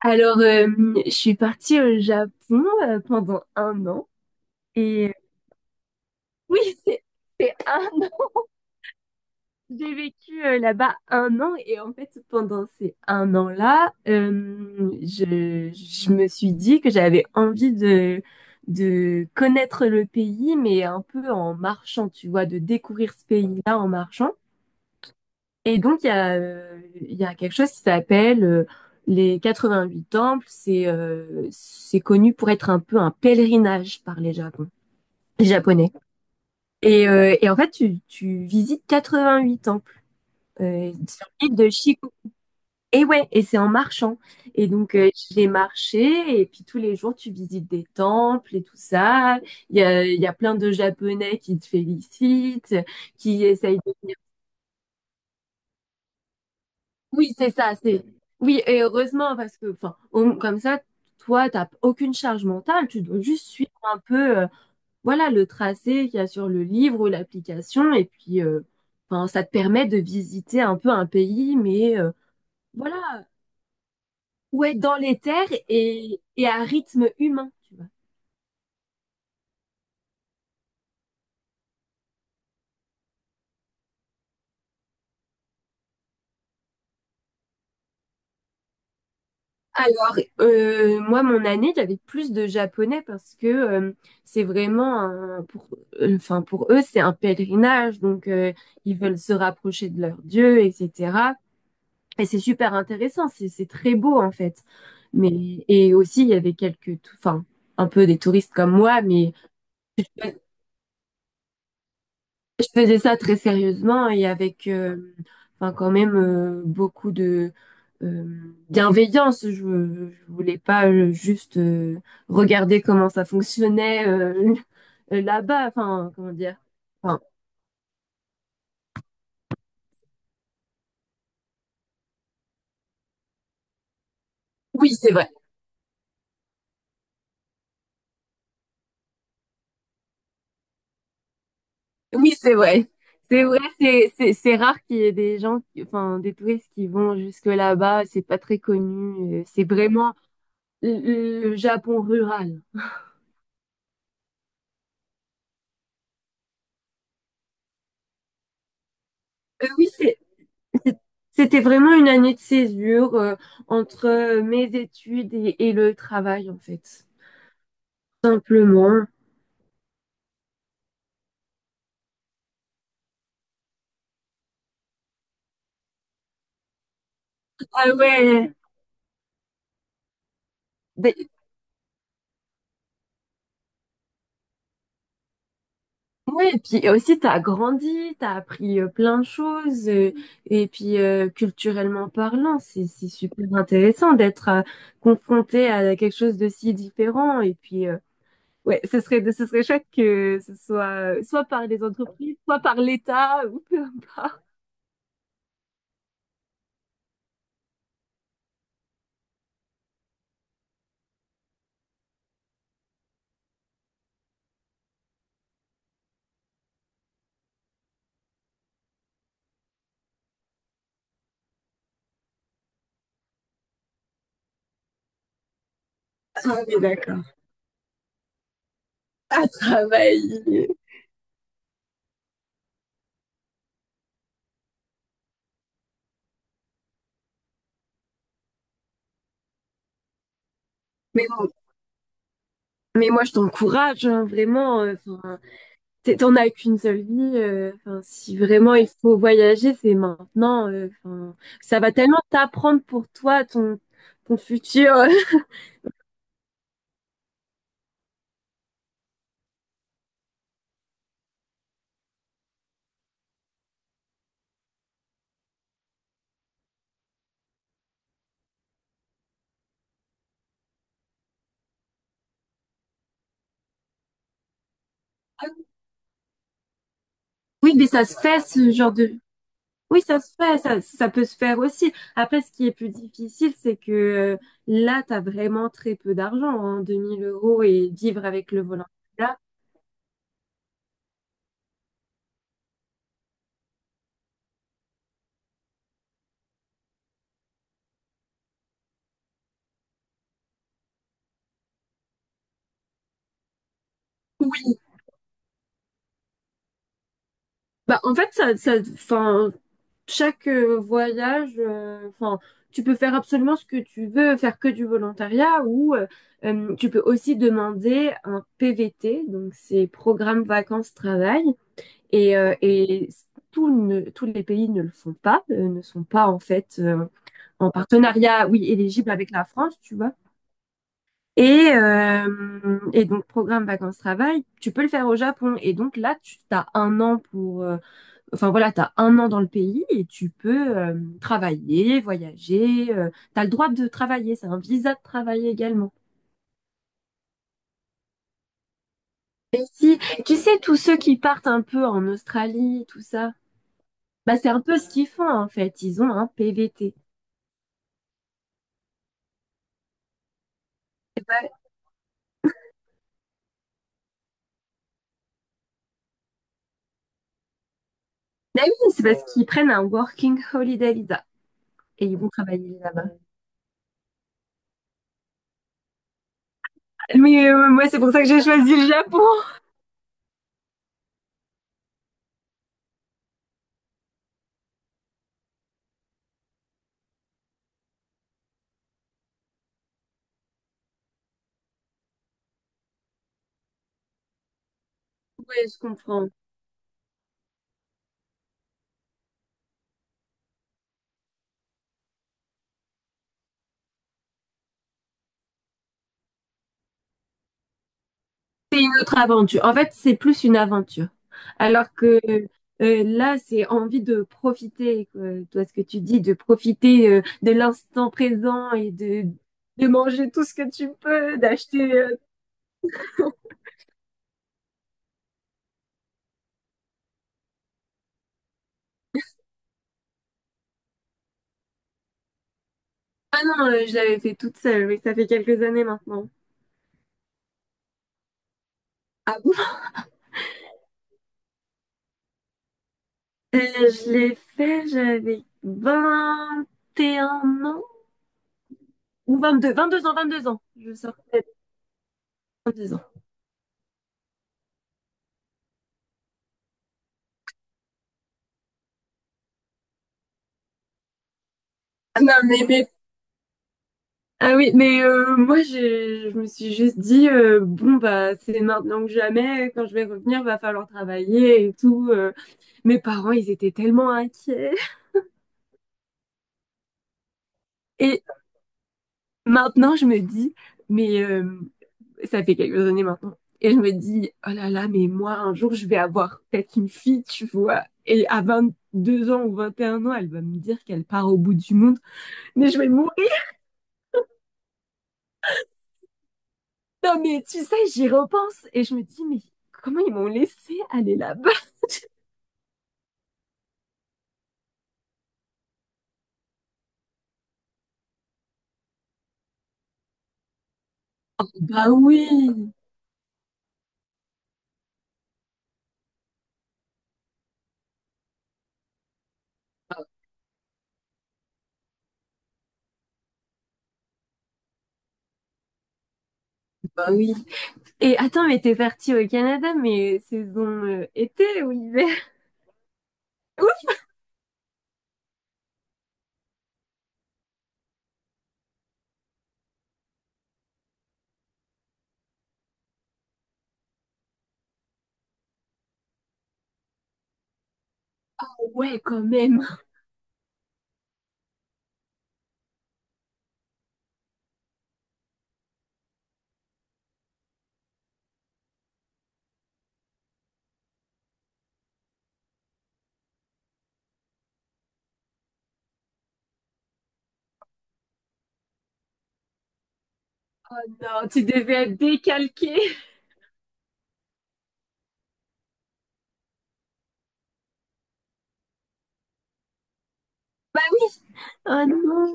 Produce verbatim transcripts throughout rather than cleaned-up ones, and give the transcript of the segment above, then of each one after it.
Alors, euh, je suis partie au Japon euh, pendant un an. Et euh, oui, c'est c'est un an. J'ai vécu euh, là-bas un an. Et en fait, pendant ces un an-là, euh, je, je me suis dit que j'avais envie de, de connaître le pays, mais un peu en marchant, tu vois, de découvrir ce pays-là en marchant. Et donc, il y a, euh, il y a quelque chose qui s'appelle euh, les quatre-vingt-huit temples. C'est euh, c'est connu pour être un peu un pèlerinage par les Japon- les Japonais. Et, euh, et en fait, tu, tu visites quatre-vingt-huit temples euh, sur l'île de Shikoku. Et ouais, et c'est en marchant. Et donc, euh, j'ai marché, et puis tous les jours, tu visites des temples et tout ça. Il y a, il y a plein de Japonais qui te félicitent, qui essayent. Oui, c'est ça, c'est. Oui, et heureusement, parce que, enfin, on- comme ça, toi, t'as aucune charge mentale, tu dois juste suivre un peu, euh, voilà, le tracé qu'il y a sur le livre ou l'application, et puis, euh, enfin, ça te permet de visiter un peu un pays, mais, euh, voilà, ouais, dans les terres et, et à rythme humain, tu vois. Alors, euh, moi, mon année, j'avais plus de japonais parce que euh, c'est vraiment un, pour, euh, enfin, pour eux, c'est un pèlerinage, donc euh, ils veulent se rapprocher de leur Dieu, et cetera. Et c'est super intéressant, c'est c'est très beau en fait. Mais et aussi, il y avait quelques, tou- enfin, un peu des touristes comme moi, mais je faisais ça très sérieusement et avec euh, enfin quand même euh, beaucoup de euh, bienveillance. Je, je voulais pas euh, juste euh, regarder comment ça fonctionnait euh, là-bas. Enfin, comment dire? Enfin, oui, c'est vrai. Oui, c'est vrai. C'est vrai, c'est c'est c'est rare qu'il y ait des gens, qui- enfin des touristes qui vont jusque là-bas. C'est pas très connu. Euh, C'est vraiment le le Japon rural. Euh, Oui, c'est C'est- c'était vraiment une année de césure euh, entre euh, mes études et, et le travail, en fait. Simplement. Ah ouais. Ben, ouais, et puis aussi, t'as grandi, t'as appris euh, plein de choses. euh, et puis, euh, culturellement parlant, c'est c'est super intéressant d'être euh, confronté à quelque chose de si différent. Et puis, euh, ouais, ce serait, ce serait chouette que ce soit euh, soit par les entreprises, soit par l'État, ou peu importe. Ah oui, d'accord. Travail. Mais Mais moi, je t'encourage, hein, vraiment. euh, Enfin, t'es- t'en as qu'une seule vie. Euh, 'fin, si vraiment il faut voyager, c'est maintenant. Euh, 'fin, ça va tellement t'apprendre pour toi, ton, ton futur. Oui, mais ça se fait, ce genre de. Oui, ça se fait, ça, ça peut se faire aussi. Après, ce qui est plus difficile, c'est que euh, là, t'as vraiment très peu d'argent, hein, deux mille euros et vivre avec le volant. Là, oui. Bah, en fait, ça, ça, 'fin, chaque euh, voyage, euh, enfin, tu peux faire absolument ce que tu veux, faire que du volontariat ou euh, euh, tu peux aussi demander un P V T, donc c'est programme vacances-travail. Et, euh, et tous ne- tous les pays ne le font pas, euh, ne sont pas en fait euh, en partenariat, oui, éligible avec la France, tu vois. Et, euh, et donc, programme vacances-travail, tu peux le faire au Japon. Et donc là, tu as un an pour, euh, enfin voilà, tu as un an dans le pays et tu peux euh, travailler, voyager. Euh, tu as le droit de travailler, c'est un visa de travail également. Et si, tu sais, tous ceux qui partent un peu en Australie, tout ça, bah c'est un peu ce qu'ils font en fait. Ils ont un P V T. Ouais. Bah oui, c'est parce qu'ils prennent un Working Holiday Visa et ils vont travailler là-bas. Mais euh, moi, c'est pour ça que j'ai choisi le Japon. Ouais, je comprends. Autre aventure. En fait, c'est plus une aventure. Alors que euh, là, c'est envie de profiter, quoi. Toi, ce que tu dis, de profiter euh, de l'instant présent et de, de manger tout ce que tu peux, d'acheter. euh, Ah non, euh, je l'avais fait toute seule, mais ça fait quelques années maintenant. Ah bon? Euh, je l'ai fait, j'avais vingt et un ans. Ou vingt deux. Vingt deux ans, vingt deux ans. Je sortais de deux ans. Ah Non, mais, mais Ah oui, mais euh, moi j'ai, je me suis juste dit euh, bon bah c'est maintenant que jamais, quand je vais revenir, va falloir travailler et tout. euh. Mes parents, ils étaient tellement inquiets. Et maintenant je me dis mais euh, ça fait quelques années maintenant. Et je me dis oh là là, mais moi un jour je vais avoir peut-être une fille, tu vois. Et à vingt deux ans ou vingt et un ans, elle va me dire qu'elle part au bout du monde. Mais je vais mourir. Non mais tu sais, j'y repense et je me dis mais comment ils m'ont laissé aller là-bas? Bah oui, bah oui. Et attends, mais t'es partie au Canada, mais saison euh, été ou hiver? Ouf! Ouais, quand même. Oh non, tu devais être décalqué. Oh non!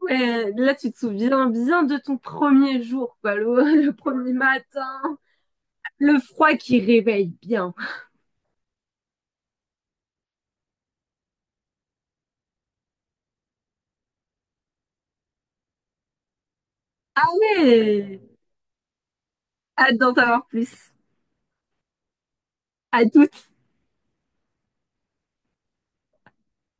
Ouais, là, tu te souviens bien de ton premier jour, quoi, le, le premier matin. Le froid qui réveille bien. Ouais. Hâte d'en savoir plus. À toutes.